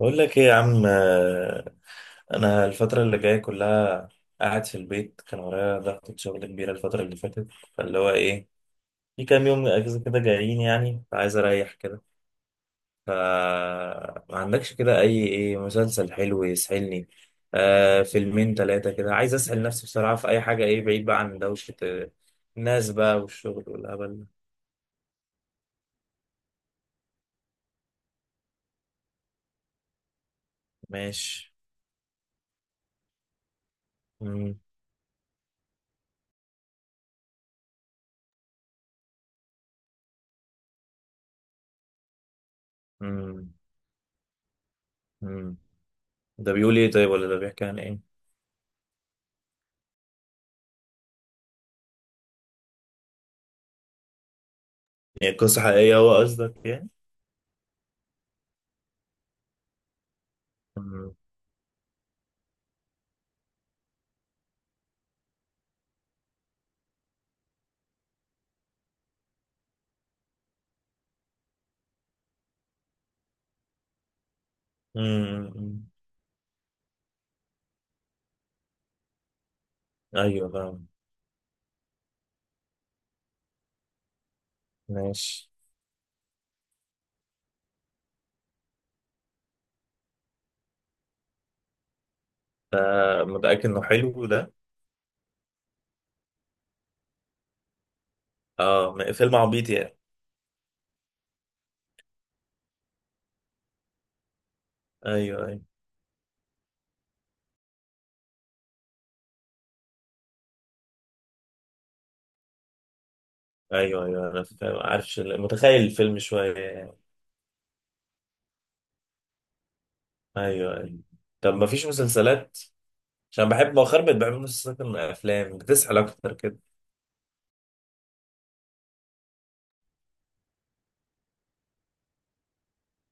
بقول لك ايه يا عم، انا الفتره اللي جايه كلها قاعد في البيت. كان ورايا ضغطة شغل كبيره الفتره اللي فاتت، فاللي هو ايه، في كام يوم اجازه كده جايين، يعني فعايز اريح كده. ف ما عندكش كده ايه مسلسل حلو يسحلني؟ فيلمين ثلاثه كده، عايز اسحل نفسي بصراحه في اي حاجه، ايه، بعيد بقى عن دوشه، الناس بقى والشغل والهبل ده. ماشي. مم. مم. مم. ده بيقول ايه طيب، ولا ده بيحكي عن ايه؟ يعني قصه حقيقيه هو قصدك يعني؟ مم. مم. ايوه فاهم. ماشي. متأكد انه حلو ده؟ اه، فيلم عبيط يعني؟ ايوه ايوه ايوه ايوه انا فاهم، عارف، متخيل الفيلم شويه يعني. ايوه ايوه. طب ما فيش مسلسلات؟ عشان بحب مؤخرا بقيت بحب مسلسلات من الافلام، بتسحل اكتر كده.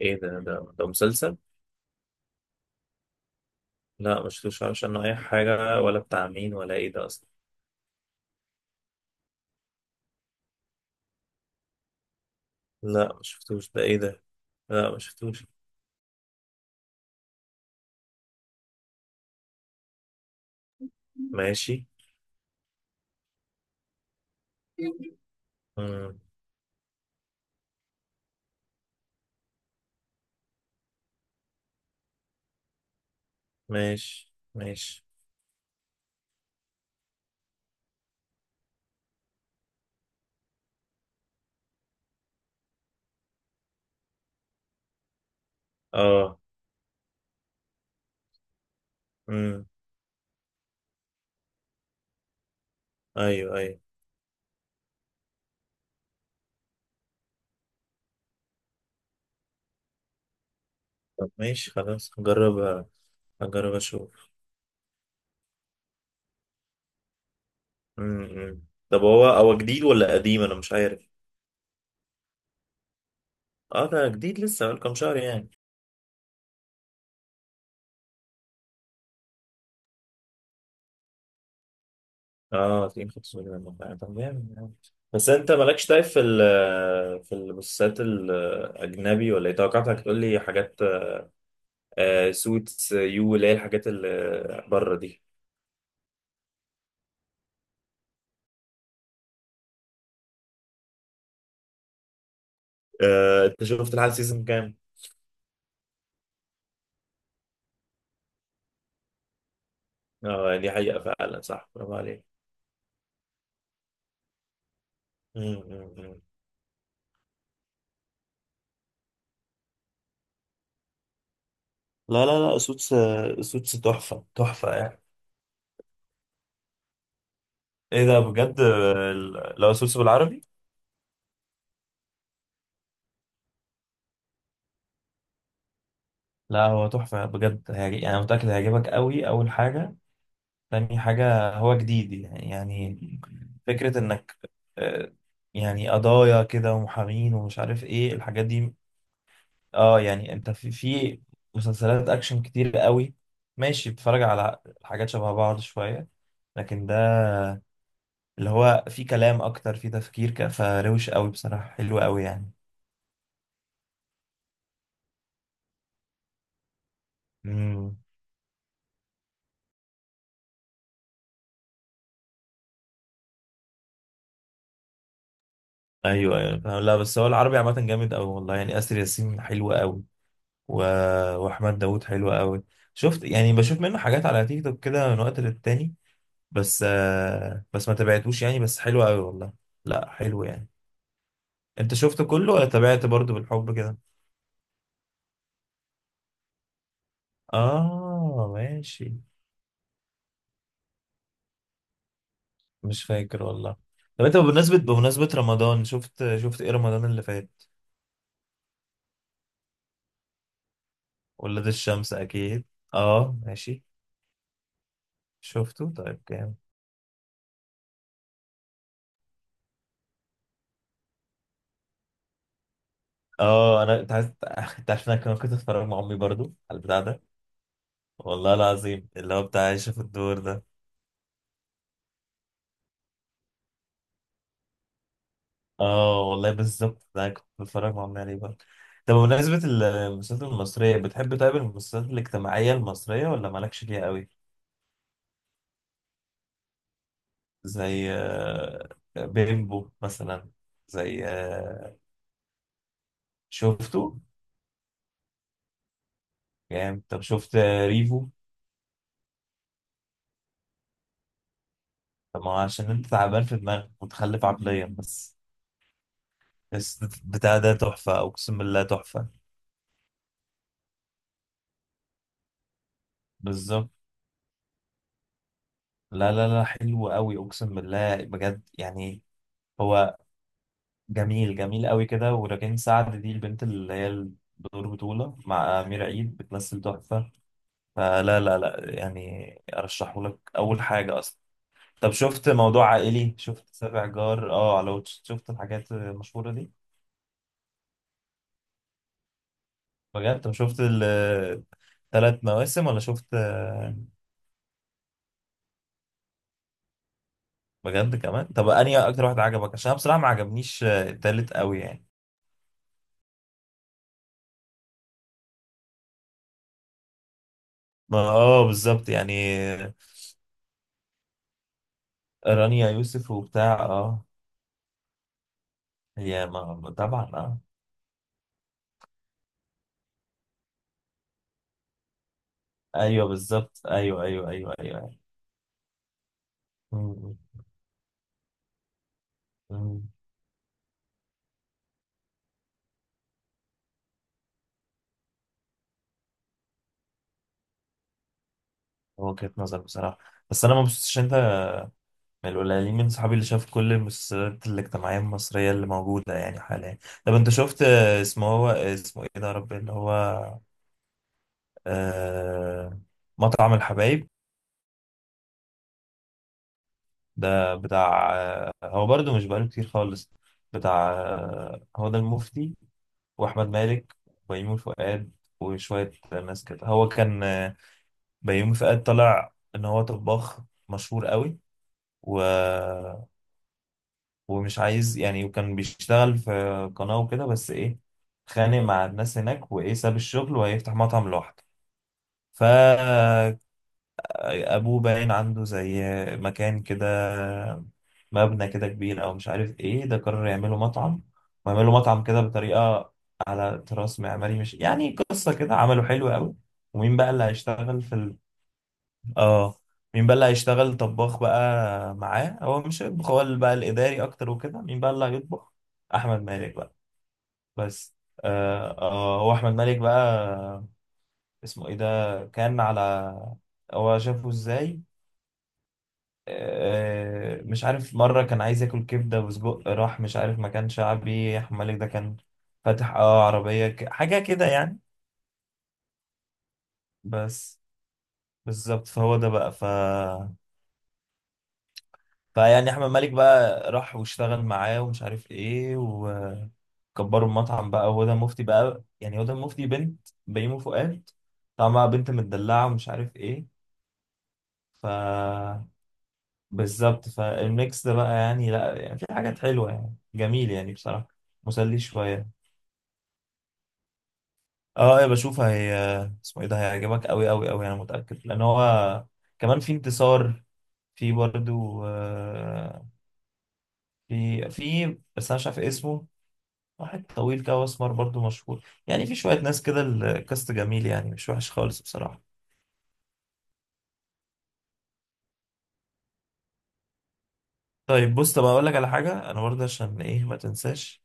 ايه ده مسلسل؟ لا ما شفتوش، عارفش عنه اي حاجه، ولا بتاع مين، ولا ايه ده اصلا. لا ما شفتوش، ده ايه ده؟ لا ما شفتوش. ماشي. مم. ماشي ماشي. اه. مم. ايوه ايوه. طب ماشي خلاص هجرب. هجرب اشوف. امم. طب هو جديد ولا قديم؟ انا مش عارف. اه ده جديد لسه، بقاله كام شهر يعني. اه، تلاقيه خد صورة من الموقع. طب جامد يعني. بس انت مالكش طيب، في المسلسلات الاجنبي ولا ايه؟ توقعتك تقول لي حاجات. سوتس يو، اللي هي الحاجات اللي بره دي. انت شفت لحد سيزون كام؟ اه دي حقيقة فعلا، صح، برافو عليك. مم. مم. مم. لا لا لا، سوتس. سوتس تحفة تحفة يعني. ايه ده بجد، لو سوسو بالعربي. لا هو تحفة بجد هيعجب يعني، أنا متأكد هيعجبك قوي. أول حاجة، تاني حاجة هو جديد يعني فكرة إنك، آه، يعني قضايا كده ومحامين ومش عارف إيه الحاجات دي. اه يعني أنت في مسلسلات أكشن كتير قوي. ماشي، بتتفرج على حاجات شبه بعض شوية. لكن ده اللي هو في كلام أكتر، في تفكير، فروش قوي بصراحة، حلو قوي يعني. مم. ايوه ايوه فاهم. لا بس هو العربي عامه جامد قوي والله، يعني اسر ياسين حلو قوي. و... واحمد داوود حلو قوي. شفت يعني، بشوف منه حاجات على تيك توك كده من وقت للتاني، بس ما تابعتوش يعني، بس حلو قوي والله. لا حلو يعني. انت شفته كله ولا تابعت برضه بالحب كده؟ اه ماشي. مش فاكر والله. طب انت بمناسبة رمضان، شفت ايه رمضان اللي فات؟ ولاد الشمس اكيد. اه ماشي. شفته طيب، جامد. اه، انا، انت عايز انت عارف إن انا كنت اتفرج مع امي برضو على البتاع ده، والله العظيم، اللي هو بتاع عايشة في الدور ده. اه والله بالظبط، ده أنا كنت بتفرج مع امي عليه برضو. طب بمناسبة المسلسلات المصرية، بتحب طيب المسلسلات الاجتماعية المصرية ولا مالكش فيها قوي؟ زي بيمبو مثلا. زي شفته. يعني طب شفت ريفو. طب ما هو عشان انت تعبان في دماغك، متخلف عقليا بس. بس بتاع ده تحفة، اقسم بالله تحفة. بالظبط. لا لا لا، حلو قوي، اقسم بالله بجد يعني. هو جميل جميل قوي كده، وراجين سعد دي، البنت اللي هي بدور بطولة مع أمير عيد، بتمثل تحفة. فلا لا لا، يعني أرشحه لك أول حاجة أصلا. طب شفت موضوع عائلي، شفت سابع جار، اه على واتش، شفت الحاجات المشهورة دي. بجد، طب شفت الثلاث مواسم؟ ولا شفت بجد كمان. طب أنهي أكتر واحد عجبك؟ عشان أنا بصراحة ما عجبنيش التالت قوي يعني. ما اه بالظبط يعني. رانيا يوسف وبتاع اه. هي ما طبعا اه. ايوه بالظبط، ايوه ايوه ايوه ايوه ايوه. مم. مم. وجهة نظر بصراحة. بس انا ما بصيتش، انت من القليلين من صحابي اللي شاف كل المسلسلات الاجتماعية المصرية اللي موجودة يعني حاليا. طب انت شفت اسمه ايه ده يا رب اللي هو، آه مطعم الحبايب. ده بتاع هو برضو مش بقاله كتير خالص، بتاع هو ده المفتي، واحمد مالك، وبيومي فؤاد، وشويه ناس كده. هو كان بيومي فؤاد طلع ان هو طباخ مشهور قوي، و... ومش عايز يعني، وكان بيشتغل في قناه وكده بس ايه، خانق مع الناس هناك وايه، ساب الشغل وهيفتح مطعم لوحده. ف ابوه باين عنده زي مكان كده، مبنى كده كبير او مش عارف ايه، ده قرر يعمله مطعم، ويعمله مطعم كده بطريقه، على تراث معماري، مش يعني قصه كده عمله حلو قوي. ومين بقى اللي هيشتغل اه مين بقى اللي هيشتغل طباخ بقى معاه؟ هو مش هيطبخ، هو اللي بقى الاداري اكتر وكده. مين بقى اللي هيطبخ؟ احمد مالك بقى. بس هو احمد مالك بقى. اسمه ايه ده كان على، هو شافه ازاي، مش عارف، مرة كان عايز ياكل كبدة وسجق، راح مش عارف مكان شعبي، أحمد مالك ده كان فاتح، عربية، حاجة كده يعني. بس بالظبط، فهو ده بقى. فيعني أحمد مالك بقى راح واشتغل معاه ومش عارف ايه، وكبروا المطعم بقى، وهدى مفتي بقى يعني هدى مفتي بنت بيومي فؤاد، طعمها بنت متدلعة ومش عارف ايه. ف بالظبط، فالميكس ده بقى يعني، لا يعني في حاجات حلوة يعني، جميل يعني بصراحة، مسلي شوية. اه، ايه بشوف هي اسمه ايه ده، هيعجبك قوي قوي قوي، انا متاكد. لان هو كمان في انتصار، في برضو في، بس انا مش عارف اسمه. واحد طويل كده واسمر، برضو مشهور يعني، في شويه ناس كده، الكاست جميل يعني مش وحش خالص بصراحه. طيب بص، طب اقول لك على حاجه انا برضه عشان ايه ما تنساش.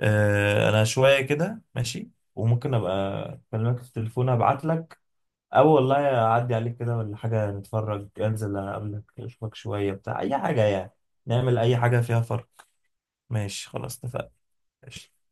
انا شويه كده ماشي، وممكن ابقى اكلمك في التليفون، ابعت لك، أو والله أعدي عليك كده ولا حاجة نتفرج، أنزل أقابلك أشوفك شوية بتاع أي حاجة يعني، نعمل أي حاجة فيها فرق. ماشي خلاص اتفقنا. ماشي